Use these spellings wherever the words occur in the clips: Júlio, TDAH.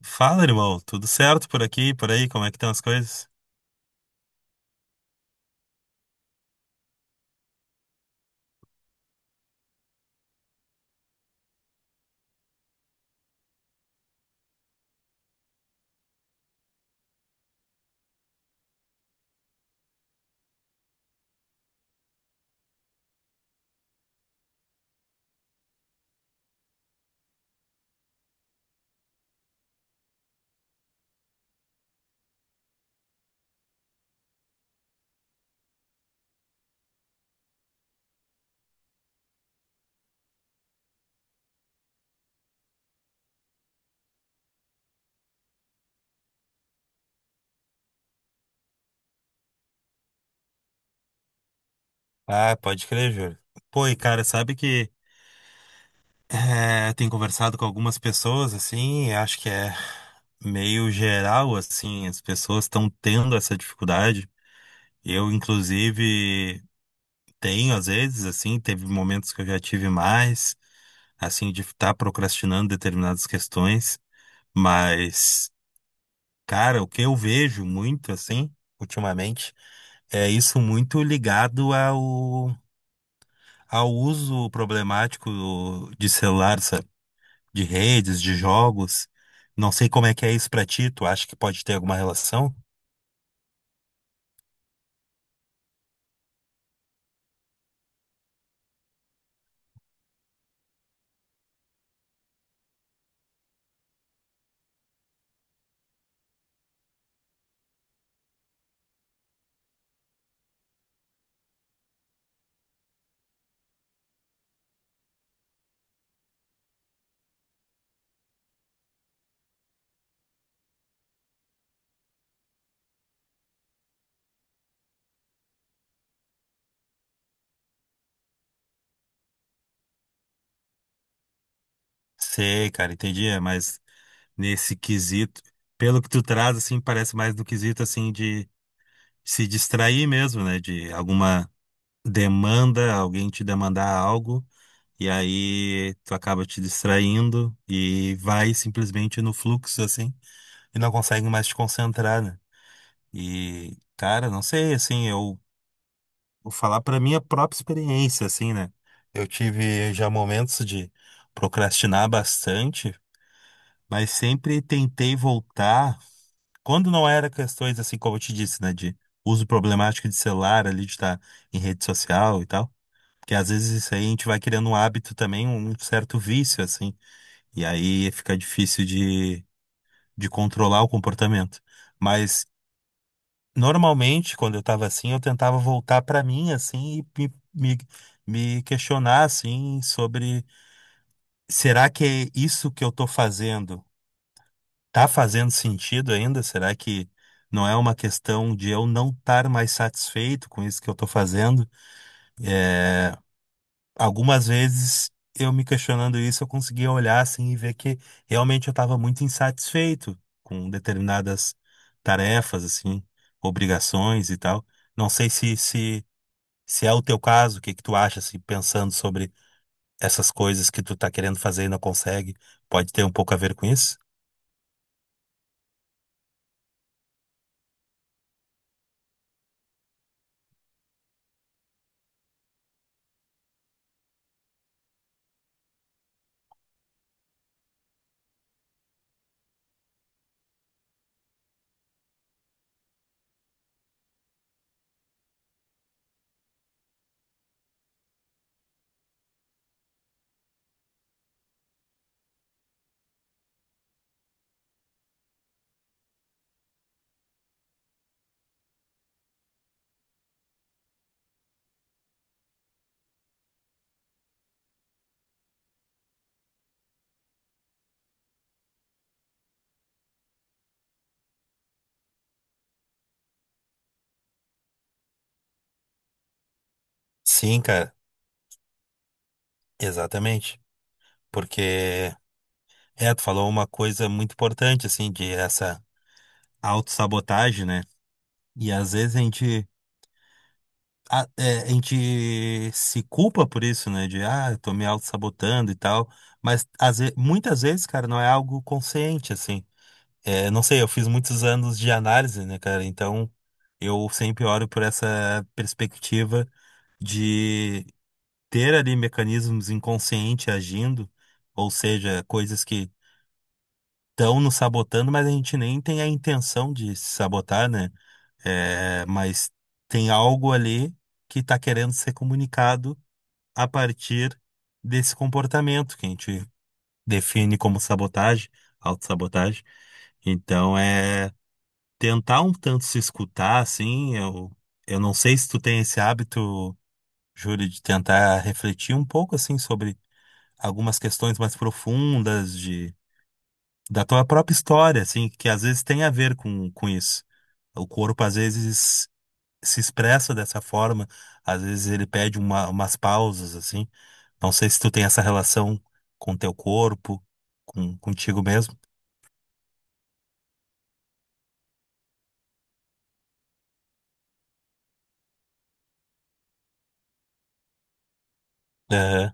Fala, irmão. Tudo certo por aqui, por aí? Como é que estão as coisas? Ah, pode crer, Júlio. Pô, e cara, sabe que tem conversado com algumas pessoas, assim, e acho que é meio geral, assim, as pessoas estão tendo essa dificuldade. Eu, inclusive, tenho, às vezes, assim, teve momentos que eu já tive mais, assim, de estar procrastinando determinadas questões, mas, cara, o que eu vejo muito, assim, ultimamente. É isso muito ligado ao uso problemático de celular, sabe? De redes, de jogos. Não sei como é que é isso pra ti, tu acha que pode ter alguma relação? Sei, cara, entendi, é, mas nesse quesito, pelo que tu traz, assim, parece mais do quesito, assim, de se distrair mesmo, né? De alguma demanda, alguém te demandar algo, e aí tu acaba te distraindo e vai simplesmente no fluxo, assim, e não consegue mais te concentrar, né? E, cara, não sei, assim, eu vou falar pra minha própria experiência, assim, né? Eu tive já momentos de procrastinar bastante, mas sempre tentei voltar. Quando não era questões, assim, como eu te disse, né? De uso problemático de celular, ali, de estar em rede social e tal. Porque às vezes isso aí a gente vai criando um hábito também, um certo vício, assim. E aí fica difícil de controlar o comportamento. Mas normalmente, quando eu estava assim, eu tentava voltar para mim, assim, e me, me, me questionar, assim, sobre será que é isso que eu estou fazendo tá fazendo sentido ainda? Será que não é uma questão de eu não estar mais satisfeito com isso que eu estou fazendo? É, algumas vezes, eu me questionando isso, eu conseguia olhar, assim, e ver que realmente eu estava muito insatisfeito com determinadas tarefas, assim, obrigações e tal. Não sei se se é o teu caso, o que que tu acha, assim, pensando sobre essas coisas que tu tá querendo fazer e não consegue? Pode ter um pouco a ver com isso? Sim, cara, exatamente. Porque, é, tu falou uma coisa muito importante, assim, de essa autossabotagem, né? E às vezes a gente se culpa por isso, né? De, ah, eu tô me autossabotando e tal. Mas muitas vezes, cara, não é algo consciente, assim. É, não sei, eu fiz muitos anos de análise, né, cara? Então eu sempre olho por essa perspectiva de ter ali mecanismos inconscientes agindo, ou seja, coisas que estão nos sabotando, mas a gente nem tem a intenção de se sabotar, né? É, mas tem algo ali que está querendo ser comunicado a partir desse comportamento que a gente define como sabotagem, autossabotagem. Então é. Tentar um tanto se escutar, assim, eu não sei se tu tem esse hábito, Júlio, de tentar refletir um pouco, assim, sobre algumas questões mais profundas de, da tua própria história, assim, que às vezes tem a ver com isso. O corpo, às vezes, se expressa dessa forma, às vezes ele pede umas pausas, assim. Não sei se tu tem essa relação com teu corpo, contigo mesmo. Aham.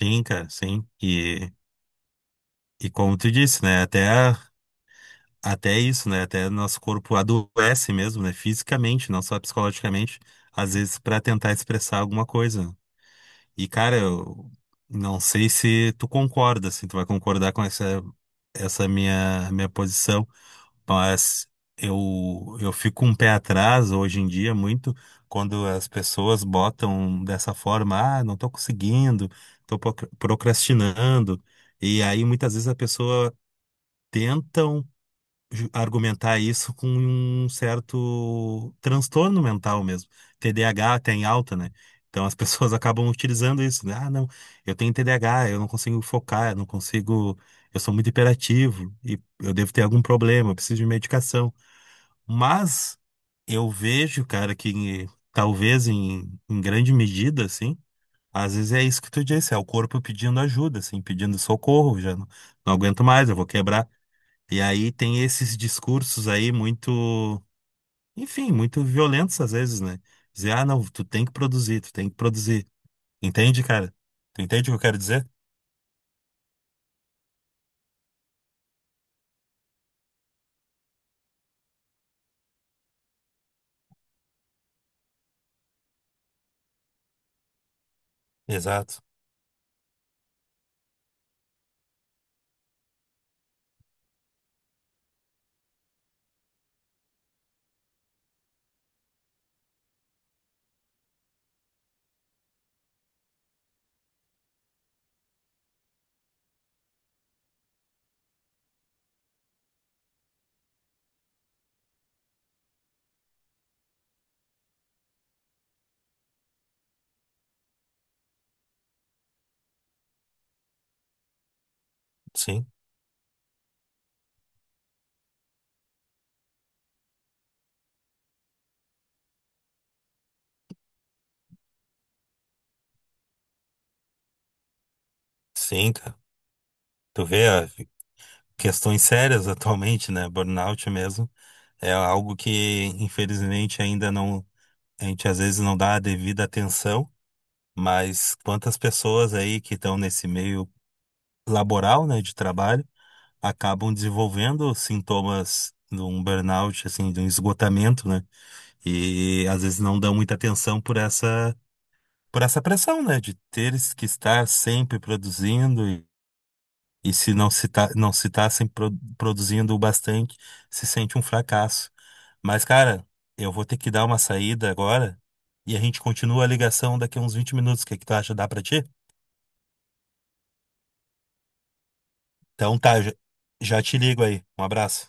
Sim, cara, sim. E como tu disse, né, até isso, né? Até nosso corpo adoece mesmo, né? Fisicamente, não só psicologicamente, às vezes para tentar expressar alguma coisa. E, cara, eu não sei se tu concorda, se tu vai concordar com essa minha posição, mas eu fico com um pé atrás hoje em dia muito quando as pessoas botam dessa forma, ah, não tô conseguindo, tô procrastinando. E aí muitas vezes a pessoa tenta. Um argumentar isso com um certo transtorno mental mesmo. TDAH tem alta, né? Então as pessoas acabam utilizando isso, né? Ah, não, eu tenho TDAH, eu não consigo focar, eu não consigo, eu sou muito hiperativo e eu devo ter algum problema, eu preciso de medicação. Mas eu vejo, cara, que talvez em grande medida, assim, às vezes é isso que tu disse, é o corpo pedindo ajuda, assim, pedindo socorro, já não, não aguento mais, eu vou quebrar. E aí tem esses discursos aí muito, enfim, muito violentos às vezes, né? Dizer, ah, não, tu tem que produzir, tu tem que produzir. Entende, cara? Tu entende o que eu quero dizer? Exato. Sim, sim, cara. Tu vê ah, questões sérias atualmente, né? Burnout mesmo. É algo que, infelizmente, ainda não, a gente às vezes não dá a devida atenção, mas quantas pessoas aí que estão nesse meio laboral, né, de trabalho acabam desenvolvendo sintomas de um burnout, assim, de um esgotamento, né? E às vezes não dão muita atenção por por essa pressão, né? De ter que estar sempre produzindo e se não se tá sempre produzindo o bastante, se sente um fracasso. Mas, cara, eu vou ter que dar uma saída agora e a gente continua a ligação daqui a uns 20 minutos. O que é que tu acha? Dá pra ti? Então tá, já te ligo aí. Um abraço.